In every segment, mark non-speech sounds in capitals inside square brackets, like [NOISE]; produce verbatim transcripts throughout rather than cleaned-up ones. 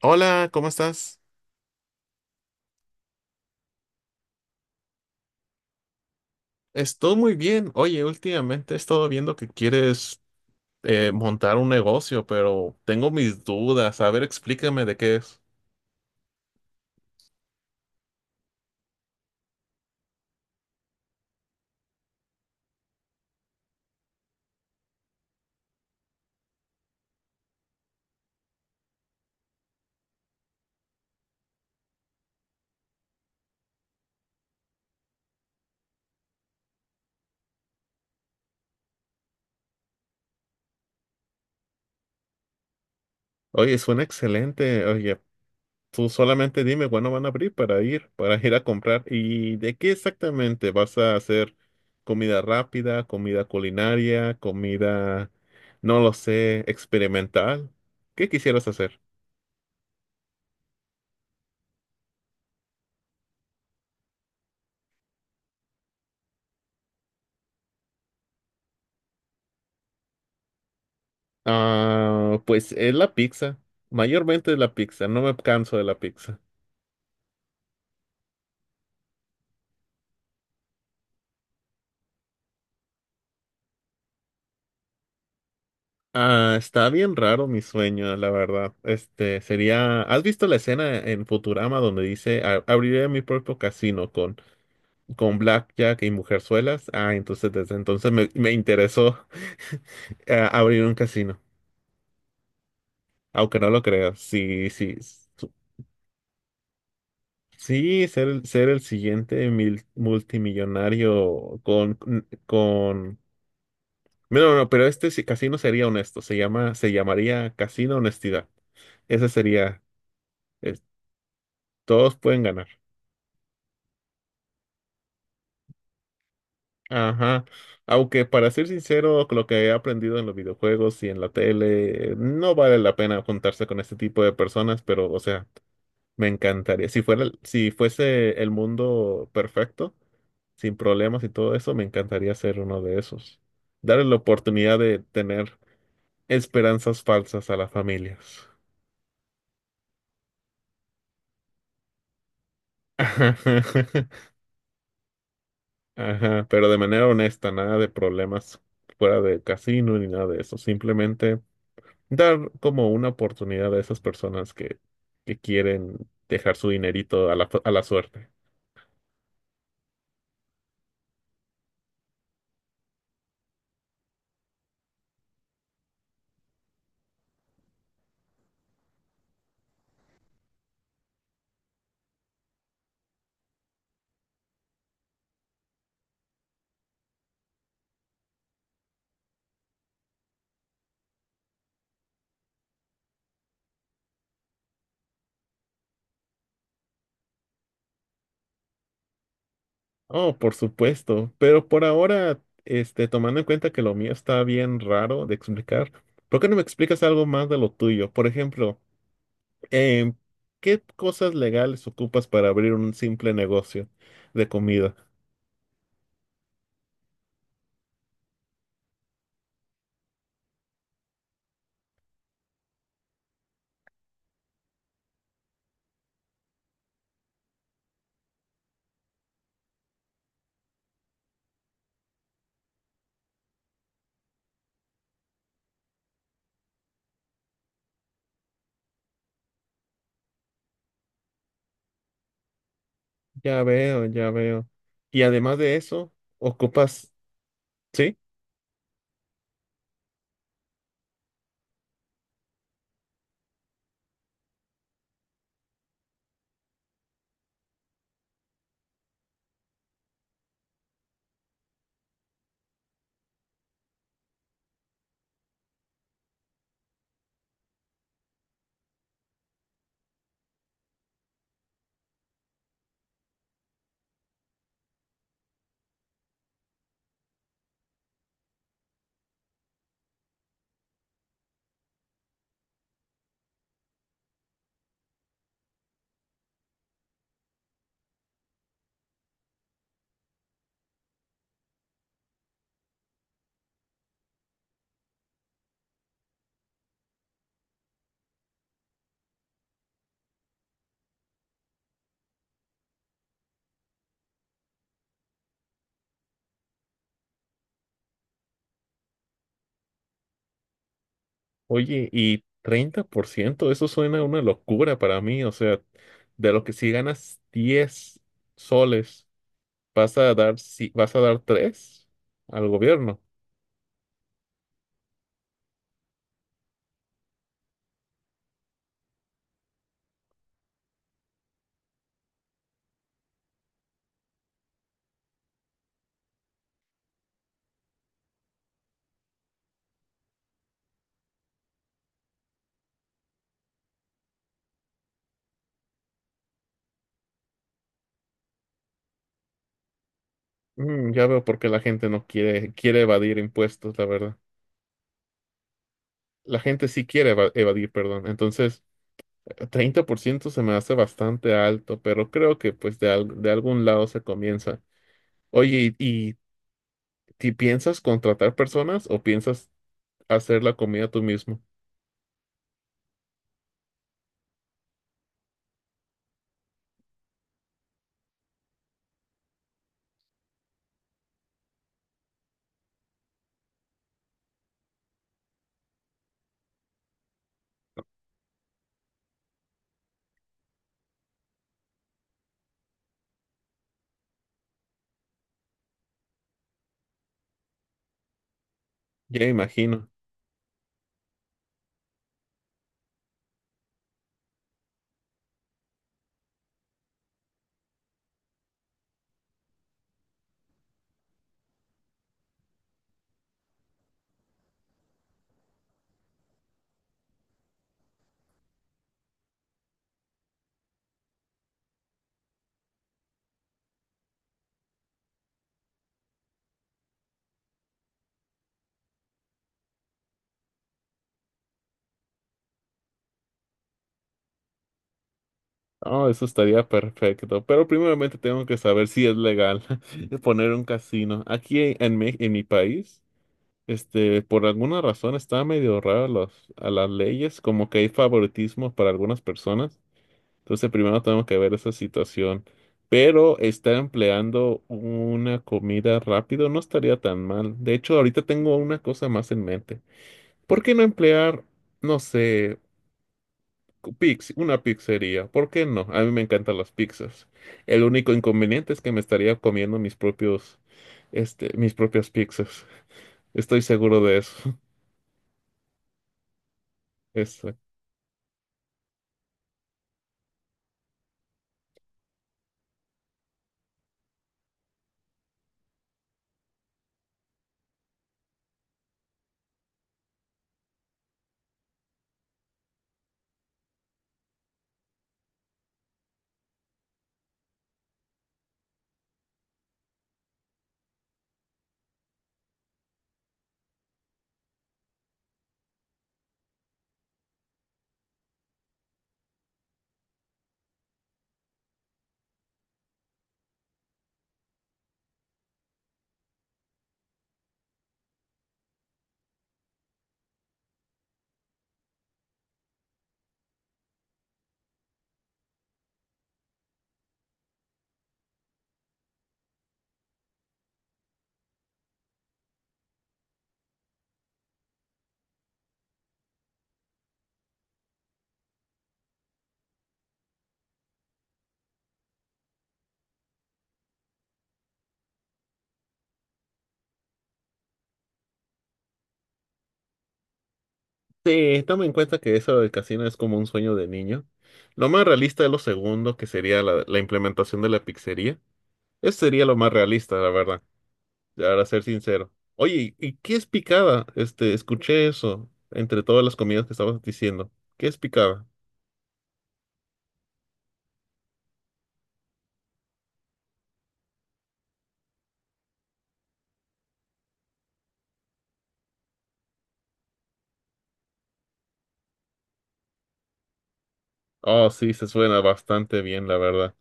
Hola, ¿cómo estás? Estoy muy bien. Oye, últimamente he estado viendo que quieres eh, montar un negocio, pero tengo mis dudas. A ver, explícame de qué es. Oye, suena excelente. Oye, tú solamente dime cuándo van a abrir para ir, para ir a comprar. ¿Y de qué exactamente vas a hacer? ¿Comida rápida, comida culinaria, comida, no lo sé, experimental? ¿Qué quisieras hacer? Ah, pues es la pizza. Mayormente es la pizza. No me canso de la pizza. Ah, está bien raro mi sueño, la verdad. Este sería. ¿Has visto la escena en Futurama donde dice "A- abriré mi propio casino con con Blackjack y Mujerzuelas."? Ah, entonces desde entonces me, me interesó [LAUGHS] eh, abrir un casino. Aunque no lo creas, sí, sí. su- Sí, ser, el- ser el siguiente mil- multimillonario con, con... No, no, no, pero este sí- casino sería honesto. Se llama, se llamaría Casino Honestidad. Ese sería. es- Todos pueden ganar. Ajá. Aunque para ser sincero, con lo que he aprendido en los videojuegos y en la tele, no vale la pena juntarse con este tipo de personas, pero, o sea, me encantaría. Si fuera, si fuese el mundo perfecto, sin problemas y todo eso, me encantaría ser uno de esos. Darle la oportunidad de tener esperanzas falsas a las familias. [LAUGHS] Ajá, pero de manera honesta, nada de problemas fuera de casino ni nada de eso. Simplemente dar como una oportunidad a esas personas que, que quieren dejar su dinerito a la, a la suerte. Oh, por supuesto, pero por ahora, este, tomando en cuenta que lo mío está bien raro de explicar, ¿por qué no me explicas algo más de lo tuyo? Por ejemplo, em, ¿qué cosas legales ocupas para abrir un simple negocio de comida? Ya veo, ya veo. Y además de eso, ocupas. ¿Sí? Oye, y treinta por ciento eso suena una locura para mí. O sea, de lo que si ganas diez soles, vas a dar, si, vas a dar tres al gobierno. Mm, ya veo por qué la gente no quiere, quiere evadir impuestos, la verdad. La gente sí quiere eva- evadir, perdón. Entonces, treinta por ciento se me hace bastante alto, pero creo que pues de, al- de algún lado se comienza. Oye, ¿y, y ti piensas contratar personas o piensas hacer la comida tú mismo? Ya imagino. Oh, eso estaría perfecto. Pero primeramente tengo que saber si es legal [LAUGHS] poner un casino. Aquí en mi, en mi país, este, por alguna razón está medio raro los, a las leyes, como que hay favoritismo para algunas personas. Entonces primero tengo que ver esa situación. Pero estar empleando una comida rápido no estaría tan mal. De hecho, ahorita tengo una cosa más en mente. ¿Por qué no emplear, no sé, Pix, una pizzería? ¿Por qué no? A mí me encantan las pizzas. El único inconveniente es que me estaría comiendo mis propios, este, mis propias pizzas. Estoy seguro de eso. [LAUGHS] Eso. Sí, toma en cuenta que eso del casino es como un sueño de niño. Lo más realista es lo segundo, que sería la, la implementación de la pizzería. Eso sería lo más realista, la verdad, para ser sincero. Oye, ¿y qué es picada? Este, escuché eso entre todas las comidas que estabas diciendo. ¿Qué es picada? Oh, sí, se suena bastante bien, la verdad.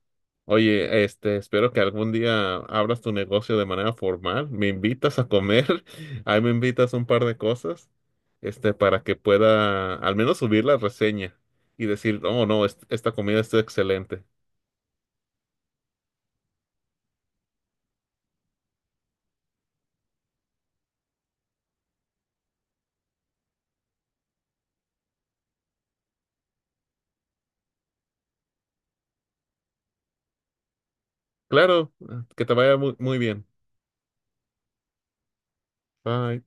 Oye, este, espero que algún día abras tu negocio de manera formal. Me invitas a comer, [LAUGHS] ahí me invitas un par de cosas, este, para que pueda al menos subir la reseña y decir, oh, no, es- esta comida está excelente. Claro, que te vaya muy, muy bien. Bye.